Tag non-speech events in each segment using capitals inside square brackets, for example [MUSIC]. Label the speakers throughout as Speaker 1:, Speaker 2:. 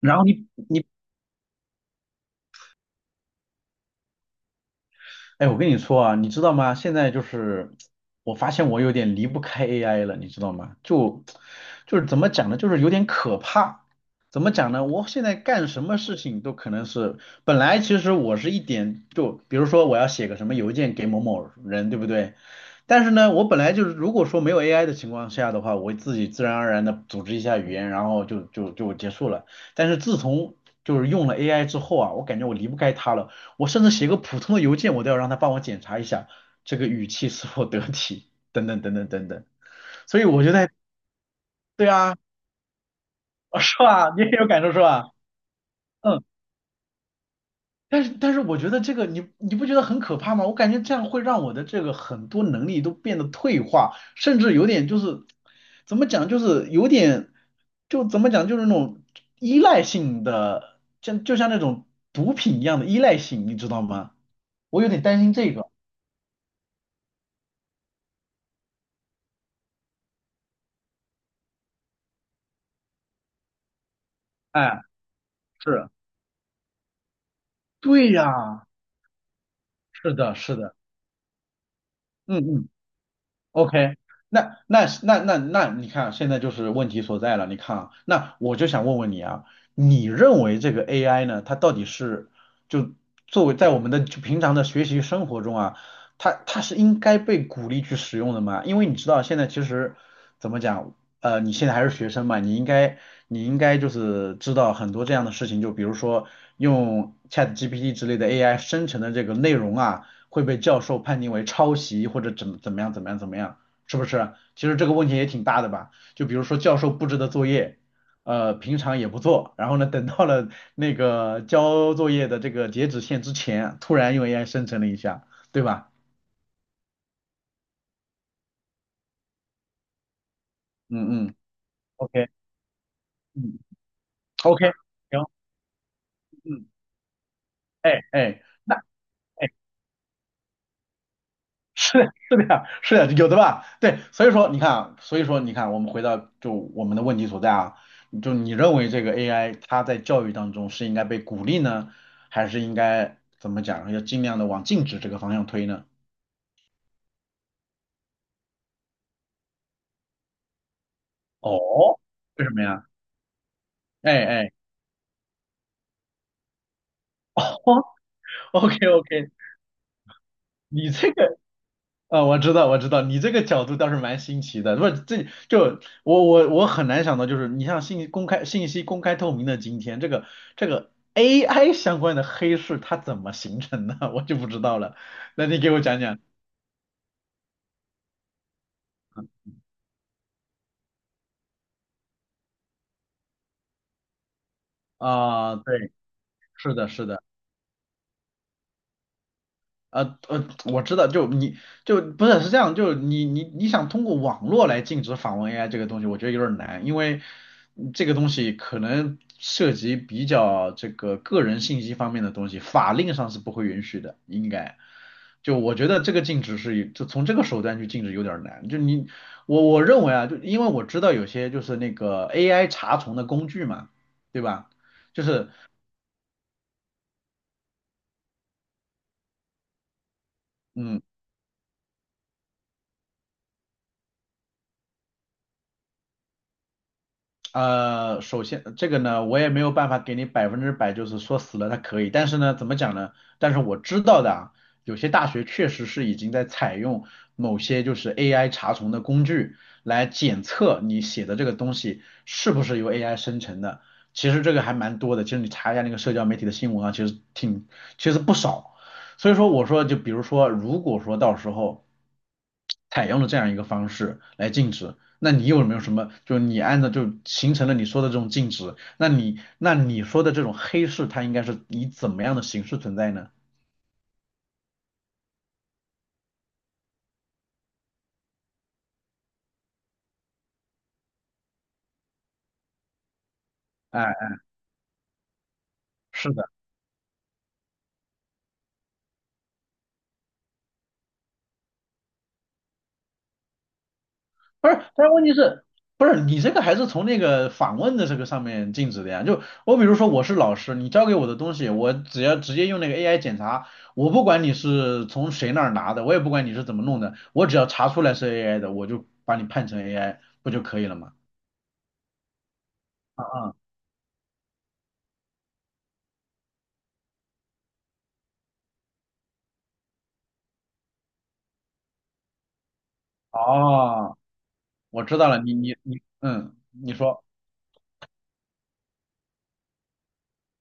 Speaker 1: 然后你你，哎，我跟你说啊，你知道吗？现在就是我发现我有点离不开 AI 了，你知道吗？就是怎么讲呢？就是有点可怕。怎么讲呢？我现在干什么事情都可能是，本来其实我是一点就，比如说我要写个什么邮件给某某人，对不对？但是呢，我本来就是，如果说没有 AI 的情况下的话，我自己自然而然的组织一下语言，然后就结束了。但是自从就是用了 AI 之后啊，我感觉我离不开它了。我甚至写个普通的邮件，我都要让他帮我检查一下这个语气是否得体，等等等等等等。所以我觉得，对啊，[LAUGHS] 是吧？你也有感受是吧？嗯，但是我觉得这个你不觉得很可怕吗？我感觉这样会让我的这个很多能力都变得退化，甚至有点就是怎么讲，就是有点就怎么讲，就是那种依赖性的，像就像那种毒品一样的依赖性，你知道吗？我有点担心这个。哎，是。对呀，是的，是的，嗯嗯，OK,那，你看啊现在就是问题所在了。你看啊，那我就想问问你啊，你认为这个 AI 呢，它到底是就作为在我们的就平常的学习生活中啊，它是应该被鼓励去使用的吗？因为你知道现在其实怎么讲，你现在还是学生嘛，你应该就是知道很多这样的事情，就比如说用 ChatGPT 之类的 AI 生成的这个内容啊。会被教授判定为抄袭或者怎么样，是不是？其实这个问题也挺大的吧？就比如说教授布置的作业，平常也不做，然后呢，等到了那个交作业的这个截止线之前，突然用 AI 生成了一下，对吧？嗯嗯，OK,嗯，OK,行，嗯，哎，那。哎 [LAUGHS] 是的呀，是的，有的吧？对，所以说你看啊，所以说你看，我们回到就我们的问题所在啊，就你认为这个 AI 它在教育当中是应该被鼓励呢，还是应该怎么讲，要尽量的往禁止这个方向推呢？哦，为什么呀？哎，[LAUGHS] 哦，OK OK,你这个。啊，我知道，我知道，你这个角度倒是蛮新奇的。不，这就我很难想到，就是你像信息公开、信息公开透明的今天，这个 AI 相关的黑市它怎么形成的，[LAUGHS] 我就不知道了。那你给我讲讲啊，对，是的，是的。我知道，就你就不是,是这样，就你想通过网络来禁止访问 AI 这个东西，我觉得有点难，因为嗯这个东西可能涉及比较这个个人信息方面的东西，法令上是不会允许的，应该。就我觉得这个禁止是就从这个手段去禁止有点难，就你我认为啊，就因为我知道有些就是那个 AI 查重的工具嘛，对吧？就是。嗯。呃，首先这个呢，我也没有办法给你100%，就是说死了它可以，但是呢，怎么讲呢？但是我知道的啊，有些大学确实是已经在采用某些就是 AI 查重的工具来检测你写的这个东西是不是由 AI 生成的。其实这个还蛮多的，其实你查一下那个社交媒体的新闻啊，其实挺，其实不少。所以说我说，就比如说，如果说到时候采用了这样一个方式来禁止，那你有没有什么，就你按照就形成了你说的这种禁止，那你那你说的这种黑市，它应该是以怎么样的形式存在呢？哎，是的，不是，但是问题是，不是你这个还是从那个访问的这个上面禁止的呀？就我比如说我是老师，你交给我的东西，我只要直接用那个 AI 检查，我不管你是从谁那儿拿的，我也不管你是怎么弄的，我只要查出来是 AI 的，我就把你判成 AI 不就可以了吗？啊啊，哦。我知道了，你，嗯，你说，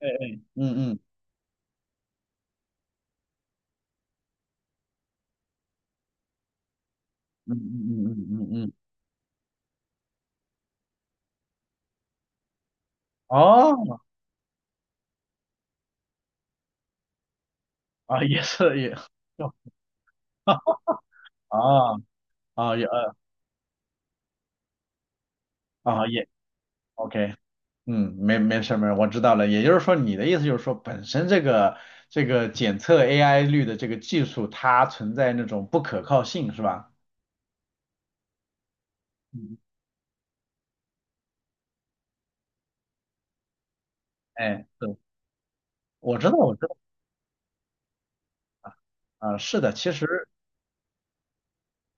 Speaker 1: 哎，嗯，哦，啊，也是也，[LAUGHS] 啊啊也呃啊也，OK,嗯，没事儿，我知道了。也就是说，你的意思就是说，本身这个检测 AI 率的这个技术，它存在那种不可靠性，是吧？嗯，哎，对，我知道，啊，是的，其实。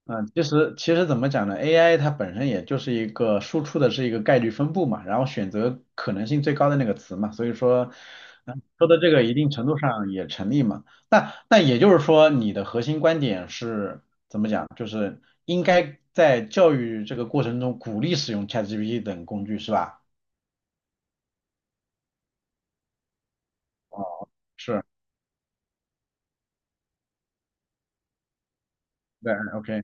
Speaker 1: 嗯，其实怎么讲呢？AI 它本身也就是一个输出的是一个概率分布嘛，然后选择可能性最高的那个词嘛，所以说，嗯，说的这个一定程度上也成立嘛。那也就是说，你的核心观点是怎么讲？就是应该在教育这个过程中鼓励使用 ChatGPT 等工具是吧？是，对，OK,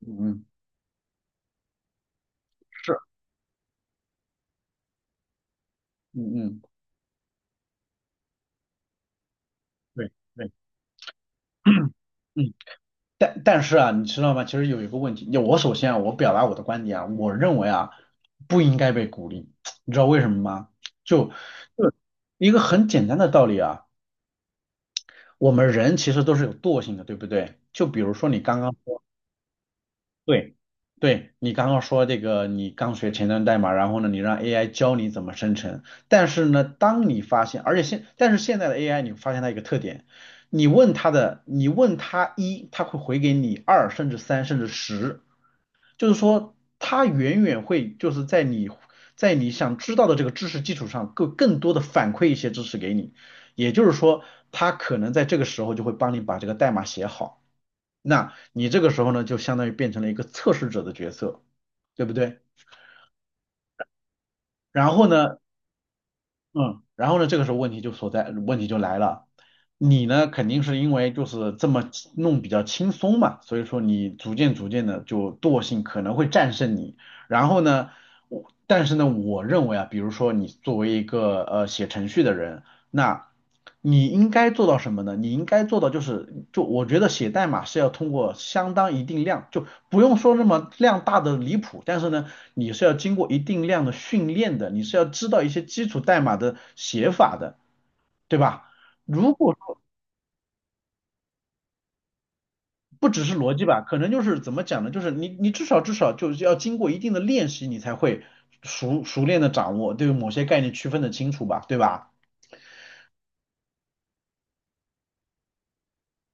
Speaker 1: 嗯嗯，是，嗯嗯，对对。嗯。但是啊，你知道吗？其实有一个问题，我首先啊，我表达我的观点啊，我认为啊，不应该被鼓励，你知道为什么吗？就就一个很简单的道理啊，我们人其实都是有惰性的，对不对？就比如说你刚刚说，对，对，你刚刚说这个，你刚学前端代码，然后呢，你让 AI 教你怎么生成，但是呢，当你发现，而且现，但是现在的 AI,你发现它一个特点，你问它的，你问它一，它会回给你二，甚至三，甚至十。就是说它远远会就是在你想知道的这个知识基础上，更多的反馈一些知识给你。也就是说，它可能在这个时候就会帮你把这个代码写好。那你这个时候呢，就相当于变成了一个测试者的角色，对不对？然后呢，嗯，然后呢，这个时候问题就来了。你呢，肯定是因为就是这么轻弄比较轻松嘛，所以说你逐渐的就惰性可能会战胜你。然后呢，但是呢，我认为啊，比如说你作为一个写程序的人，那你应该做到什么呢？你应该做到就是，就我觉得写代码是要通过相当一定量，就不用说那么量大的离谱，但是呢，你是要经过一定量的训练的，你是要知道一些基础代码的写法的，对吧？如果说不只是逻辑吧，可能就是怎么讲呢？就是你你至少就是要经过一定的练习，你才会熟练的掌握对某些概念区分的清楚吧，对吧？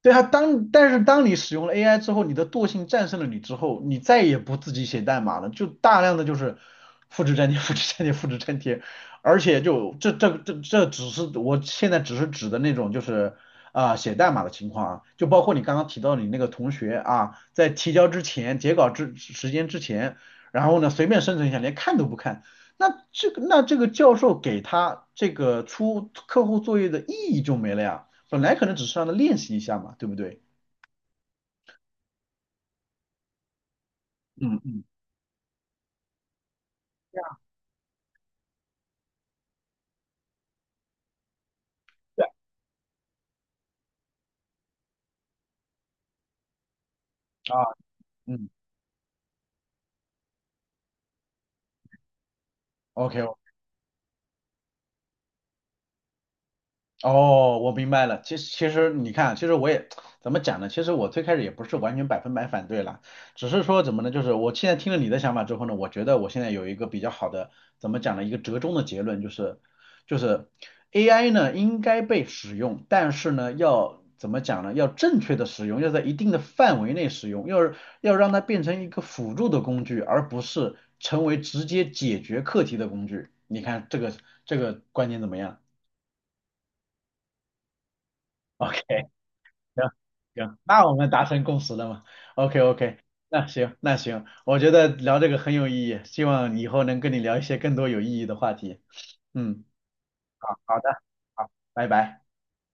Speaker 1: 对啊，但是当你使用了 AI 之后，你的惰性战胜了你之后，你再也不自己写代码了，就大量的就是复制粘贴、[LAUGHS] 复制粘贴、复制粘贴，而且就这只是我现在只是指的那种就是啊、写代码的情况啊，就包括你刚刚提到你那个同学啊，在提交之前、截稿之时间之前，然后呢随便生成一下，连看都不看，那这个教授给他这个出客户作业的意义就没了呀。本来可能只是让他练习一下嘛，对不对？嗯嗯，对啊，嗯，OK 哦，我明白了。其实，其实你看，其实我也怎么讲呢？其实我最开始也不是完全100%反对啦，只是说怎么呢？就是我现在听了你的想法之后呢，我觉得我现在有一个比较好的，怎么讲呢？一个折中的结论就是，就是 AI 呢应该被使用，但是呢要怎么讲呢？要正确的使用，要在一定的范围内使用，要让它变成一个辅助的工具，而不是成为直接解决课题的工具。你看这个观点怎么样？o k 行行，那我们达成共识了嘛？OK OK,那行，我觉得聊这个很有意义，希望以后能跟你聊一些更多有意义的话题。嗯，好好的，好，拜拜。